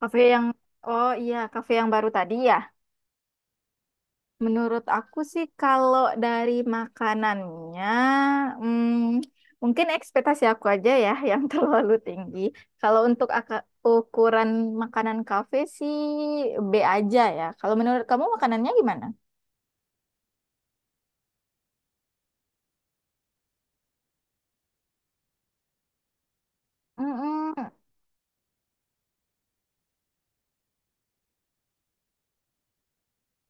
Kafe yang, oh iya, kafe yang baru tadi ya. Menurut aku sih kalau dari makanannya, hmm, mungkin ekspektasi aku aja ya yang terlalu tinggi. Kalau untuk ukuran makanan kafe sih B aja ya. Kalau menurut kamu makanannya gimana? Mm-mm.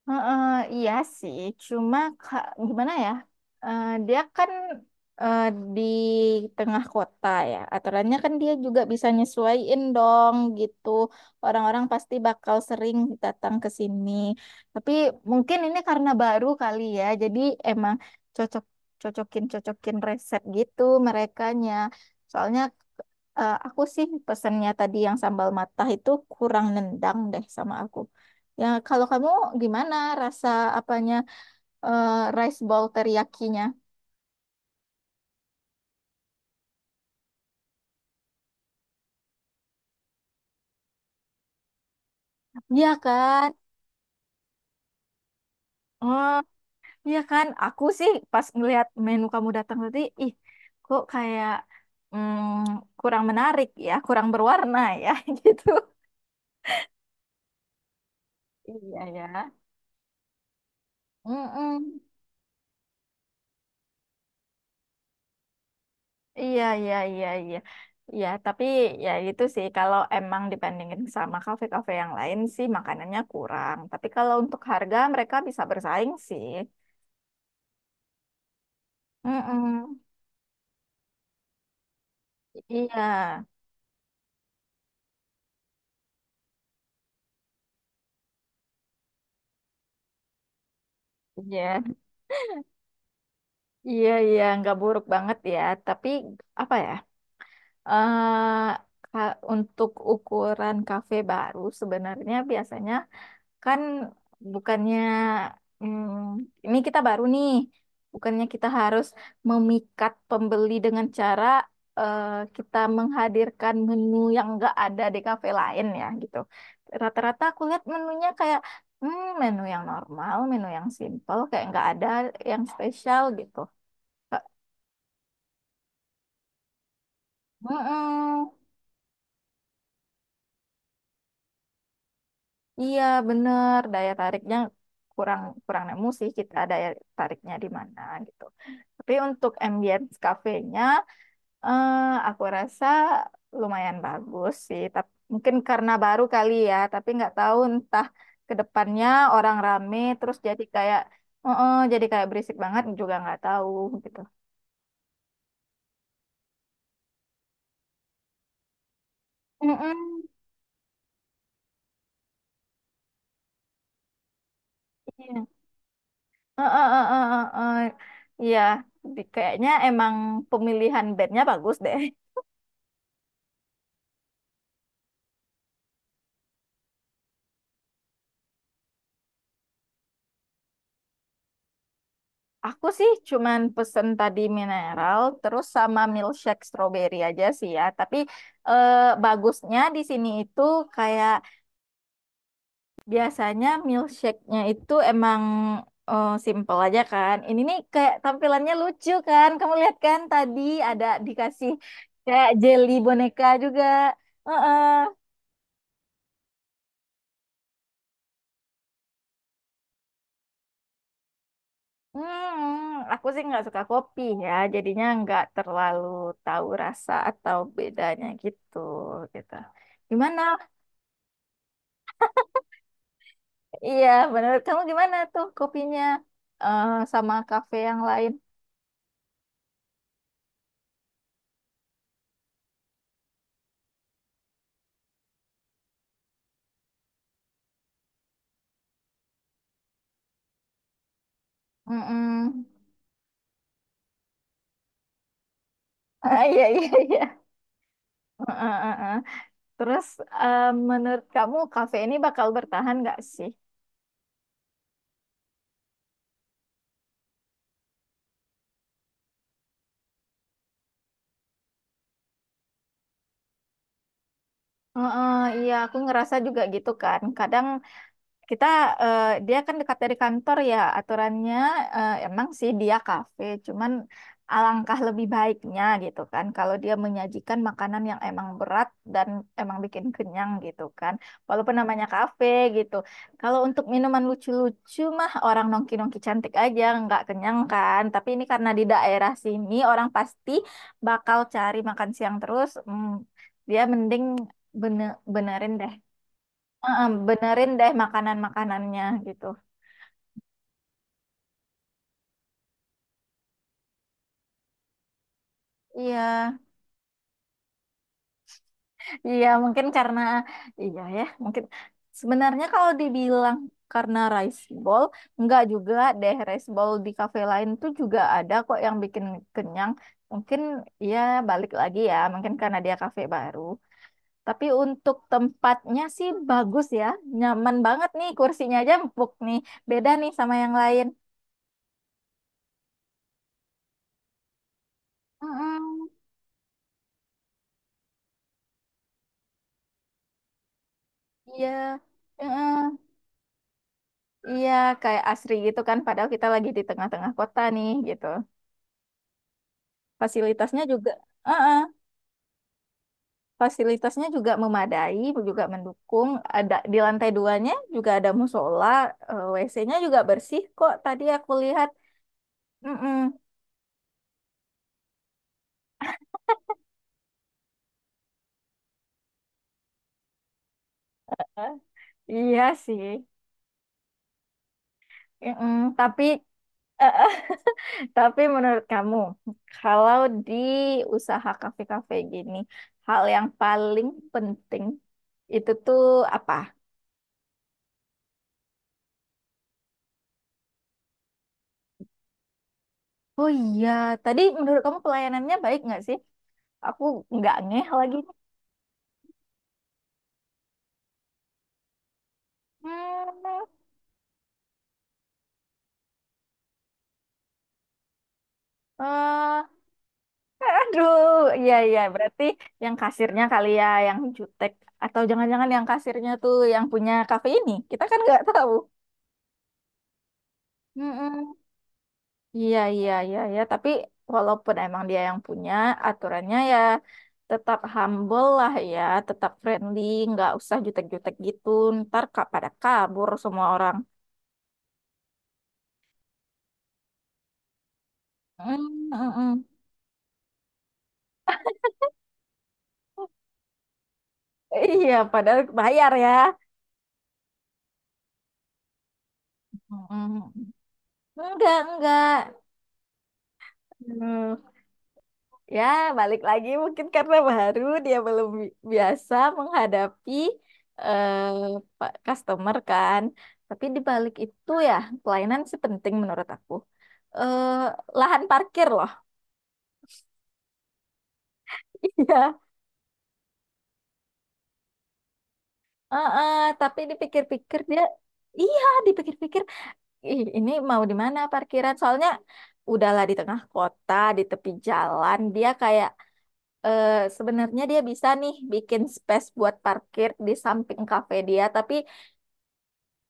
Heeh, iya sih, cuma gimana ya? Dia kan eh, di tengah kota ya. Aturannya kan dia juga bisa nyesuaiin dong gitu. Orang-orang pasti bakal sering datang ke sini. Tapi mungkin ini karena baru kali ya. Jadi emang cocok cocokin cocokin resep gitu merekanya. Soalnya aku sih pesennya tadi yang sambal matah itu kurang nendang deh sama aku. Ya, kalau kamu gimana rasa apanya eh, rice bowl teriyakinya? Iya kan? Oh, iya kan? Aku sih pas ngelihat menu kamu datang tadi, ih, kok kayak kurang menarik ya, kurang berwarna ya gitu. Iya ya. Mm-mm. Iya, iya, iya, iya. Iya, tapi ya itu sih kalau emang dibandingin sama kafe-kafe yang lain sih makanannya kurang. Tapi kalau untuk harga mereka bisa bersaing sih. Mm-mm. Iya, iya, iya, iya, nggak buruk banget ya. Tapi apa ya? eh untuk ukuran kafe baru sebenarnya biasanya kan bukannya ini kita baru nih, bukannya kita harus memikat pembeli dengan cara eh, kita menghadirkan menu yang nggak ada di kafe lain ya gitu. Rata-rata aku lihat menunya kayak menu yang normal, menu yang simple, kayak nggak ada yang spesial gitu. Kak. Mm-mm. Iya, bener. Daya tariknya kurang kurang nemu sih kita daya tariknya di mana gitu. Tapi untuk ambience cafe-nya, eh, aku rasa lumayan bagus sih. Tapi mungkin karena baru kali ya, tapi nggak tahu entah ke depannya orang rame terus jadi kayak jadi kayak berisik banget juga nggak tahu gitu. Mm-mm. Iya. Eh, eh, eh, eh, eh, eh. Iya, kayaknya emang pemilihan bandnya bagus deh. Aku sih cuman pesen tadi mineral, terus sama milkshake strawberry aja sih ya. Tapi eh, bagusnya di sini itu kayak biasanya milkshake-nya itu emang simple aja kan. Ini nih kayak tampilannya lucu kan. Kamu lihat kan tadi ada dikasih kayak jelly boneka juga. Heeh. Hmm, aku sih nggak suka kopi ya, jadinya nggak terlalu tahu rasa atau bedanya gitu gitu. Gimana? Iya, menurut kamu gimana tuh kopinya sama kafe yang lain? Mm-mm. Ah, iya, iya, iya. Heeh, heeh, heeh. Terus eh, menurut kamu kafe ini bakal bertahan nggak sih? Heeh, iya, aku ngerasa juga gitu kan. Kadang kita, dia kan dekat dari kantor ya aturannya emang sih dia kafe, cuman alangkah lebih baiknya gitu kan kalau dia menyajikan makanan yang emang berat dan emang bikin kenyang gitu kan. Walaupun namanya kafe gitu. Kalau untuk minuman lucu-lucu mah orang nongki-nongki cantik aja nggak kenyang kan. Tapi ini karena di daerah sini orang pasti bakal cari makan siang terus. Dia mending benerin deh. Heeh, benerin deh makanan-makanannya gitu. Iya, iya mungkin karena iya ya, mungkin sebenarnya kalau dibilang karena rice bowl, enggak juga deh rice bowl di kafe lain tuh juga ada kok yang bikin kenyang. Mungkin ya balik lagi ya, mungkin karena dia kafe baru. Tapi untuk tempatnya sih bagus ya, nyaman banget nih kursinya aja empuk nih, beda nih sama yang lain. Mm-mm. Iya. Heeh. Iya, kayak asri gitu kan. Padahal kita lagi di tengah-tengah kota nih, gitu. Fasilitasnya juga, uh fasilitasnya juga memadai, juga mendukung. Ada di lantai duanya juga ada musola, WC-nya juga bersih kok. Tadi aku lihat. Mm-mm. Eh, Iya sih. Mm-mm. Eh, tapi menurut kamu, kalau di usaha kafe-kafe gini, hal yang paling penting itu tuh apa? Oh iya, tadi menurut kamu pelayanannya baik nggak sih? Aku nggak ngeh lagi. Hmm, eh, aduh, iya iya, berarti yang kasirnya kali ya, yang jutek. Atau jangan-jangan yang kasirnya tuh yang punya kafe ini. Kita kan nggak tahu. Mm-mm. Iya iya iya iya, tapi walaupun emang dia yang punya, aturannya ya tetap humble lah ya, tetap friendly, nggak usah jutek-jutek gitu. Ntar pada kabur semua orang. Mm, mm, mm. Iya, padahal bayar ya. Mm. Enggak, enggak. Hmm. Ya, balik lagi mungkin karena baru dia belum biasa menghadapi eh customer kan. Tapi di balik itu ya, pelayanan sih penting menurut aku. Eh lahan parkir loh. Iya. Heeh, tapi dipikir-pikir dia, iya, dipikir-pikir, ih, ini mau di mana parkiran? Soalnya udahlah di tengah kota, di tepi jalan, dia kayak sebenarnya dia bisa nih bikin space buat parkir di samping kafe dia, tapi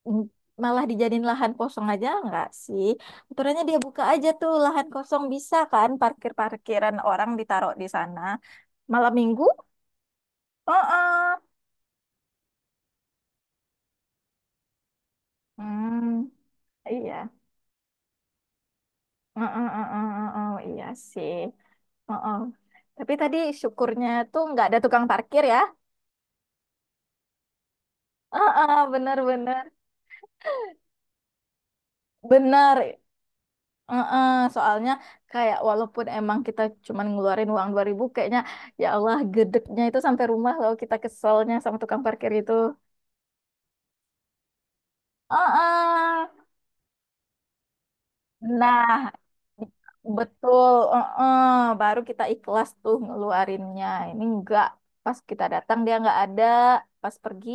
mm, malah dijadiin lahan kosong aja nggak sih? Aturannya dia buka aja tuh lahan kosong bisa kan parkir-parkiran orang ditaruh di sana. Malam minggu? Heeh. Hmm, iya. Heeh, heeh, heeh, iya sih. Oh, oh. Tapi tadi syukurnya tuh nggak ada tukang parkir ya. Ah, ah, benar-benar, benar benar benar. Heeh, soalnya kayak walaupun emang kita cuman ngeluarin uang 2.000 kayaknya ya Allah gedeknya itu sampai rumah loh kita keselnya sama tukang parkir itu. Heeh. Nah, betul. Heeh, baru kita ikhlas tuh ngeluarinnya. Ini enggak. Pas kita datang dia enggak ada. Pas pergi,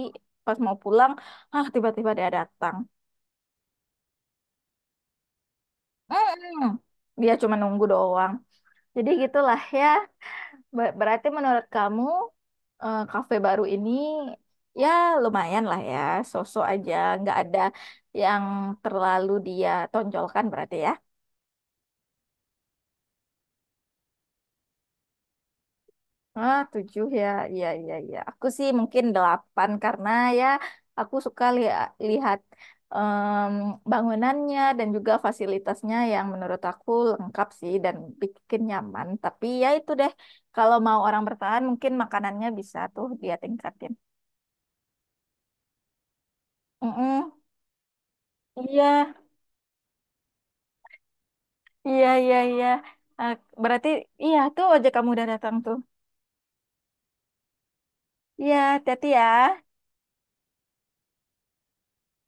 pas mau pulang, ah tiba-tiba dia datang. Mm-mm. Dia cuma nunggu doang. Jadi gitulah ya. Berarti menurut kamu kafe baru ini ya lumayan lah ya, sosok aja, nggak ada yang terlalu dia tonjolkan berarti ya. Ah, 7 ya, iya iya iya. Aku sih mungkin 8 karena ya aku suka lihat em, bangunannya dan juga fasilitasnya yang menurut aku lengkap sih dan bikin nyaman. Tapi ya itu deh, kalau mau orang bertahan mungkin makanannya bisa tuh dia tingkatin. Mm-mm. Iya. Iya, iya, iya. Eh, berarti iya tuh ojek kamu udah datang tuh. Iya, hati-hati ya.